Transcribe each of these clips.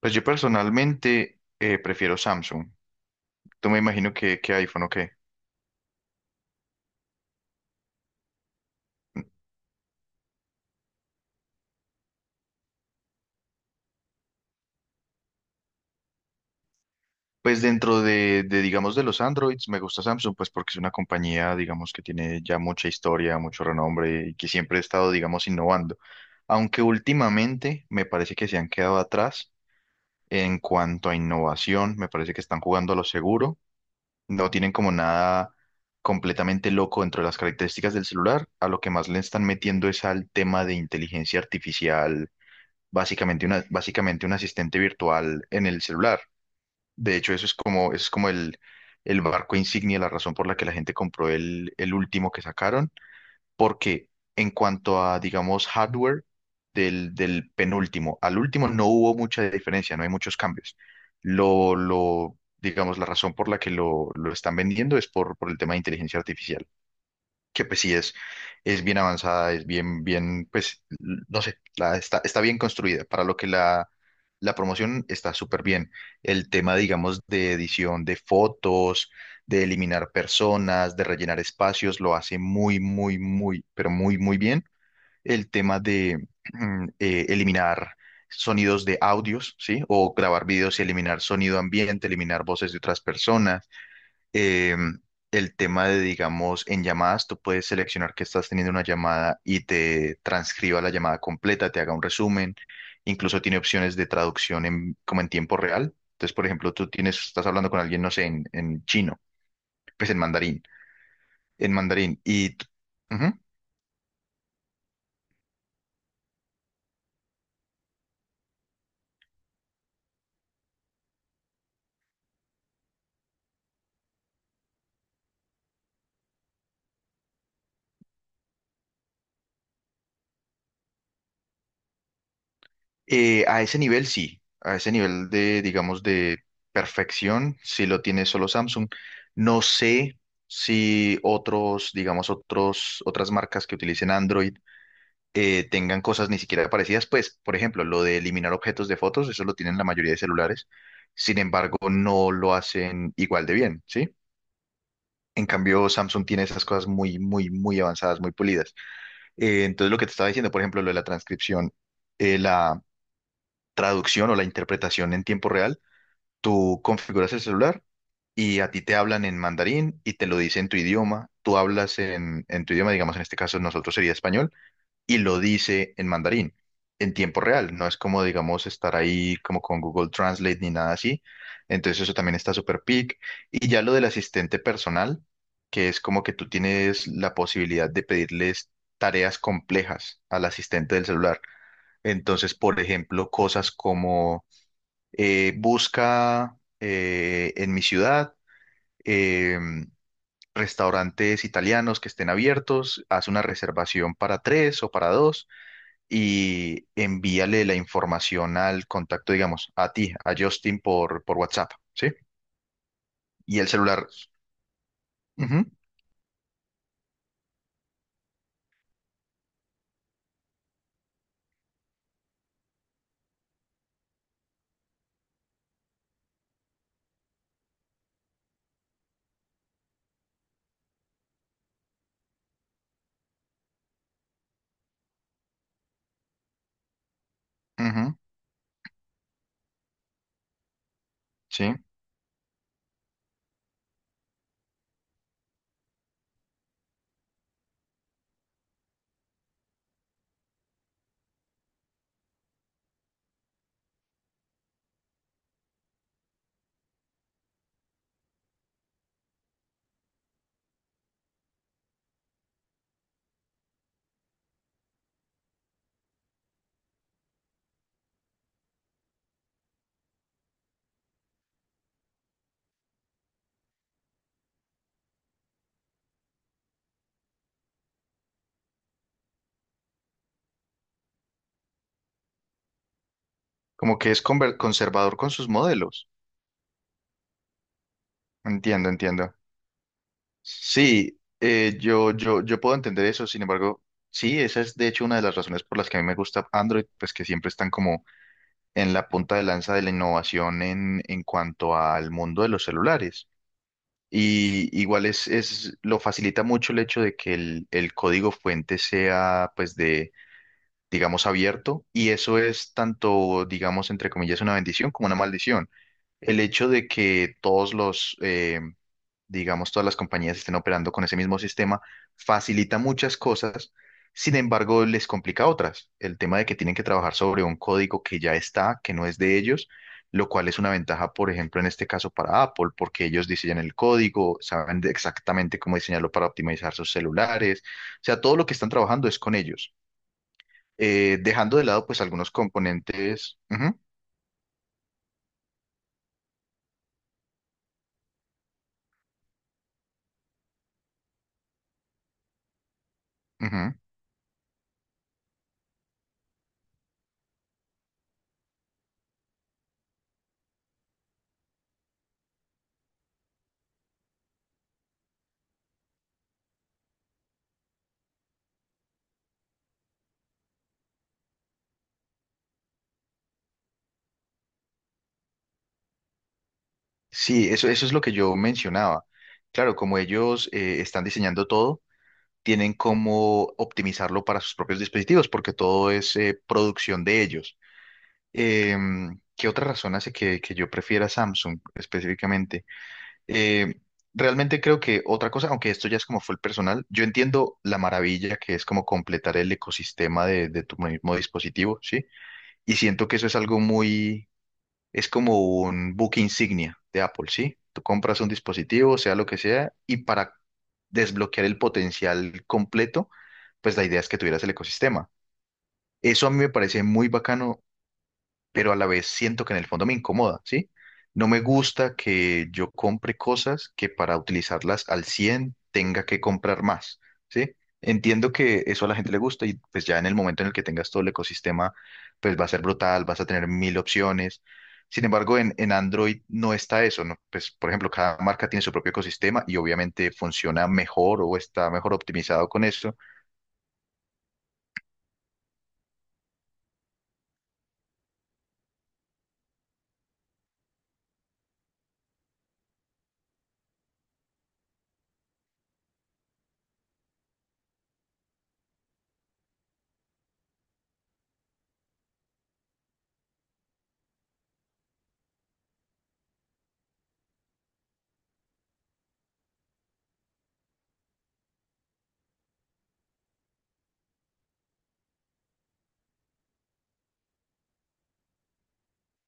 Pues yo personalmente prefiero Samsung. Tú me imagino que iPhone o qué. Pues dentro digamos, de los Androids, me gusta Samsung, pues porque es una compañía, digamos, que tiene ya mucha historia, mucho renombre y que siempre ha estado, digamos, innovando. Aunque últimamente me parece que se han quedado atrás en cuanto a innovación, me parece que están jugando a lo seguro, no tienen como nada completamente loco dentro de las características del celular, a lo que más le están metiendo es al tema de inteligencia artificial básicamente una, básicamente un asistente virtual en el celular. De hecho, eso es como el barco insignia, la razón por la que la gente compró el último que sacaron, porque en cuanto a, digamos, hardware del penúltimo al último no hubo mucha diferencia, no hay muchos cambios. Digamos, la razón por la que lo están vendiendo es por el tema de inteligencia artificial que pues sí es bien avanzada, es pues, no sé, está, está bien construida. Para lo la promoción está súper bien. El tema, digamos, de edición de fotos, de eliminar personas, de rellenar espacios, lo hace muy, muy, muy, pero muy, muy bien. El tema de eliminar sonidos de audios, ¿sí? O grabar videos y eliminar sonido ambiente, eliminar voces de otras personas eh, el tema de, digamos, en llamadas, tú puedes seleccionar que estás teniendo una llamada y te transcriba la llamada completa, te haga un resumen, incluso tiene opciones de traducción en, como en tiempo real. Entonces, por ejemplo, tú tienes, estás hablando con alguien, no sé, en chino, pues en mandarín, ujú. A ese nivel sí, a ese nivel de, digamos, de perfección, sí lo tiene solo Samsung. No sé si otros, digamos, otros, otras marcas que utilicen Android tengan cosas ni siquiera parecidas. Pues, por ejemplo, lo de eliminar objetos de fotos, eso lo tienen la mayoría de celulares. Sin embargo, no lo hacen igual de bien, ¿sí? En cambio, Samsung tiene esas cosas muy, muy, muy avanzadas, muy pulidas. Entonces, lo que te estaba diciendo, por ejemplo, lo de la transcripción, la traducción o la interpretación en tiempo real, tú configuras el celular y a ti te hablan en mandarín y te lo dicen en tu idioma. Tú hablas en tu idioma, digamos, en este caso nosotros sería español y lo dice en mandarín, en tiempo real. No es como, digamos, estar ahí como con Google Translate ni nada así. Entonces eso también está súper pic. Y ya lo del asistente personal, que es como que tú tienes la posibilidad de pedirles tareas complejas al asistente del celular. Entonces, por ejemplo, cosas como busca en mi ciudad em, restaurantes italianos que estén abiertos, haz una reservación para tres o para dos y envíale la información al contacto, digamos, a ti, a Justin por WhatsApp, ¿sí? Y el celular, ujú, ujú, sí, como que es conservador con sus modelos. Entiendo, entiendo. Sí, yo puedo entender eso, sin embargo, sí, esa es de hecho una de las razones por las que a mí me gusta Android, pues que siempre están como en la punta de lanza de la innovación en cuanto al mundo de los celulares. Y igual lo facilita mucho el hecho de que el código fuente sea, pues, de, digamos, abierto. Y eso es tanto, digamos, entre comillas, una bendición como una maldición. El hecho de que todos digamos, todas las compañías estén operando con ese mismo sistema, facilita muchas cosas, sin embargo, les complica otras. El tema de que tienen que trabajar sobre un código que ya está, que no es de ellos, lo cual es una ventaja, por ejemplo, en este caso para Apple, porque ellos diseñan el código, exactamente cómo diseñarlo para optimizar sus celulares, o sea, todo lo que están trabajando es con ellos. Dejando de lado, pues, algunos componentes. Ujú, ujú. Sí, eso es lo que yo mencionaba. Claro, como ellos están diseñando todo, tienen cómo optimizarlo para sus propios dispositivos, porque todo es producción de ellos. ¿Qué otra razón hace que yo prefiera Samsung específicamente? Em, Realmente creo que otra cosa, aunque esto ya es como fue el personal, yo entiendo la maravilla que es como completar el ecosistema de tu mismo dispositivo, ¿sí? Y siento que eso es algo muy, es como un book insignia de Apple, ¿sí? Tú compras un dispositivo, sea lo que sea, y para desbloquear el potencial completo, pues la idea es que tuvieras el ecosistema. Eso a mí me parece muy bacano, pero a la vez siento que en el fondo me incomoda, ¿sí? No me gusta que yo compre cosas que para utilizarlas al 100 tenga que comprar más, ¿sí? Entiendo que eso a la gente le gusta y pues ya en el momento en el que tengas todo el ecosistema, pues va a ser brutal, vas a tener mil opciones. Sin embargo, en Android no está eso, ¿no? Pues, por ejemplo, cada marca tiene su propio ecosistema y obviamente funciona mejor o está mejor optimizado con eso.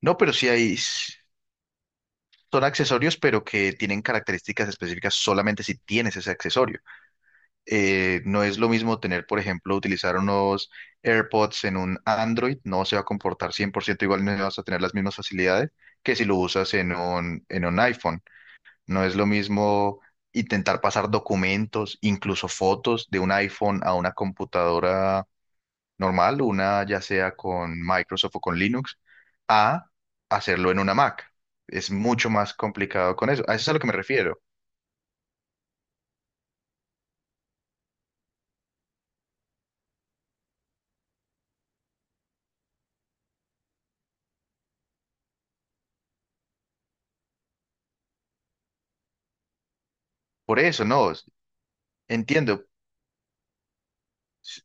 No, pero sí hay. Son accesorios, pero que tienen características específicas solamente si tienes ese accesorio. No es lo mismo tener, por ejemplo, utilizar unos AirPods en un Android, no se va a comportar 100% igual, no vas a tener las mismas facilidades que si lo usas en un iPhone. No es lo mismo intentar pasar documentos, incluso fotos de un iPhone a una computadora normal, una ya sea con Microsoft o con Linux, a hacerlo en una Mac. Es mucho más complicado con eso. A eso es a lo que me refiero. Por eso, no, s- entiendo. S-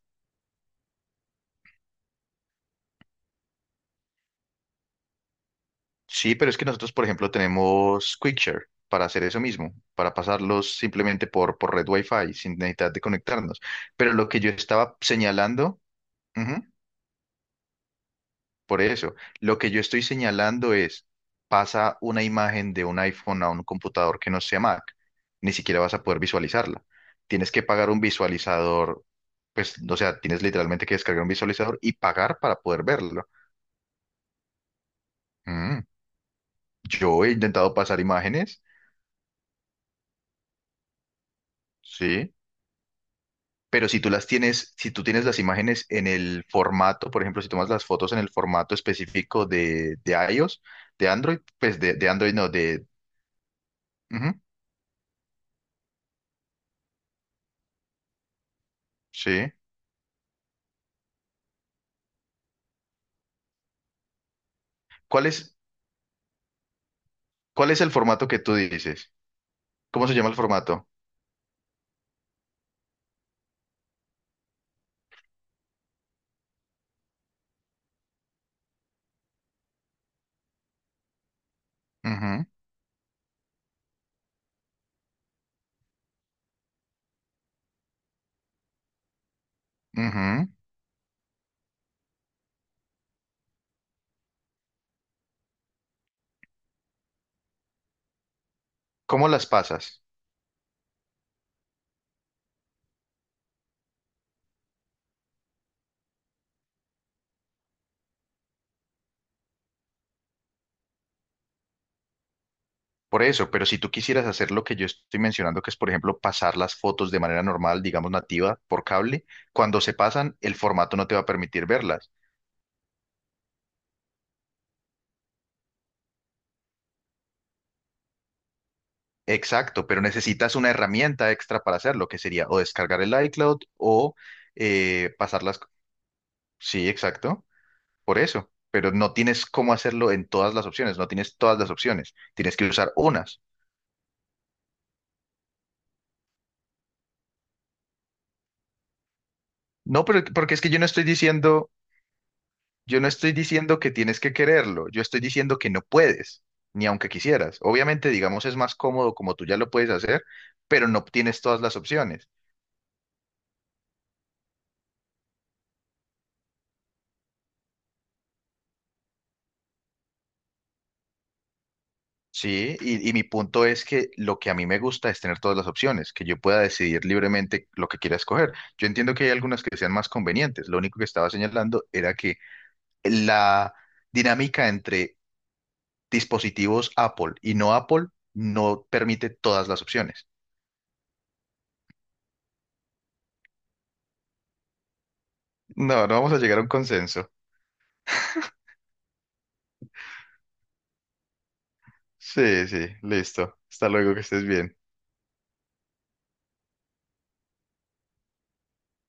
Sí, pero es que nosotros, por ejemplo, tenemos QuickShare para hacer eso mismo, para pasarlos simplemente por red Wi-Fi sin necesidad de conectarnos. Pero lo que yo estaba señalando... Por eso, lo que yo estoy señalando es, pasa una imagen de un iPhone a un computador que no sea Mac, ni siquiera vas a poder visualizarla. Tienes que pagar un visualizador, pues, o sea, tienes literalmente que descargar un visualizador y pagar para poder verlo. Mm, Yo he intentado pasar imágenes, sí, pero si tú las tienes, si tú tienes las imágenes en el formato, por ejemplo, si tomas las fotos en el formato específico de iOS, de Android no, de... Ujú, sí. ¿Cuál es? ¿Cuál es el formato que tú dices? ¿Cómo se llama el formato? Ujú, ujú. ¿Cómo las pasas? Por eso, pero si tú quisieras hacer lo que yo estoy mencionando, que es, por ejemplo, pasar las fotos de manera normal, digamos nativa, por cable, cuando se pasan, el formato no te va a permitir verlas. Exacto, pero necesitas una herramienta extra para hacerlo, que sería o descargar el iCloud o pasarlas. Sí, exacto, por eso. Pero no tienes cómo hacerlo en todas las opciones, no tienes todas las opciones, tienes que usar unas. No, pero porque es que yo no estoy diciendo, yo no estoy diciendo que tienes que quererlo, yo estoy diciendo que no puedes, ni aunque quisieras. Obviamente, digamos, es más cómodo como tú ya lo puedes hacer, pero no tienes todas las opciones. Sí, y mi punto es que lo que a mí me gusta es tener todas las opciones, que yo pueda decidir libremente lo que quiera escoger. Yo entiendo que hay algunas que sean más convenientes. Lo único que estaba señalando era que la dinámica entre dispositivos Apple y no Apple no permite todas las opciones. No, no vamos a llegar a un consenso. Sí, sí, listo. Hasta luego, que estés bien.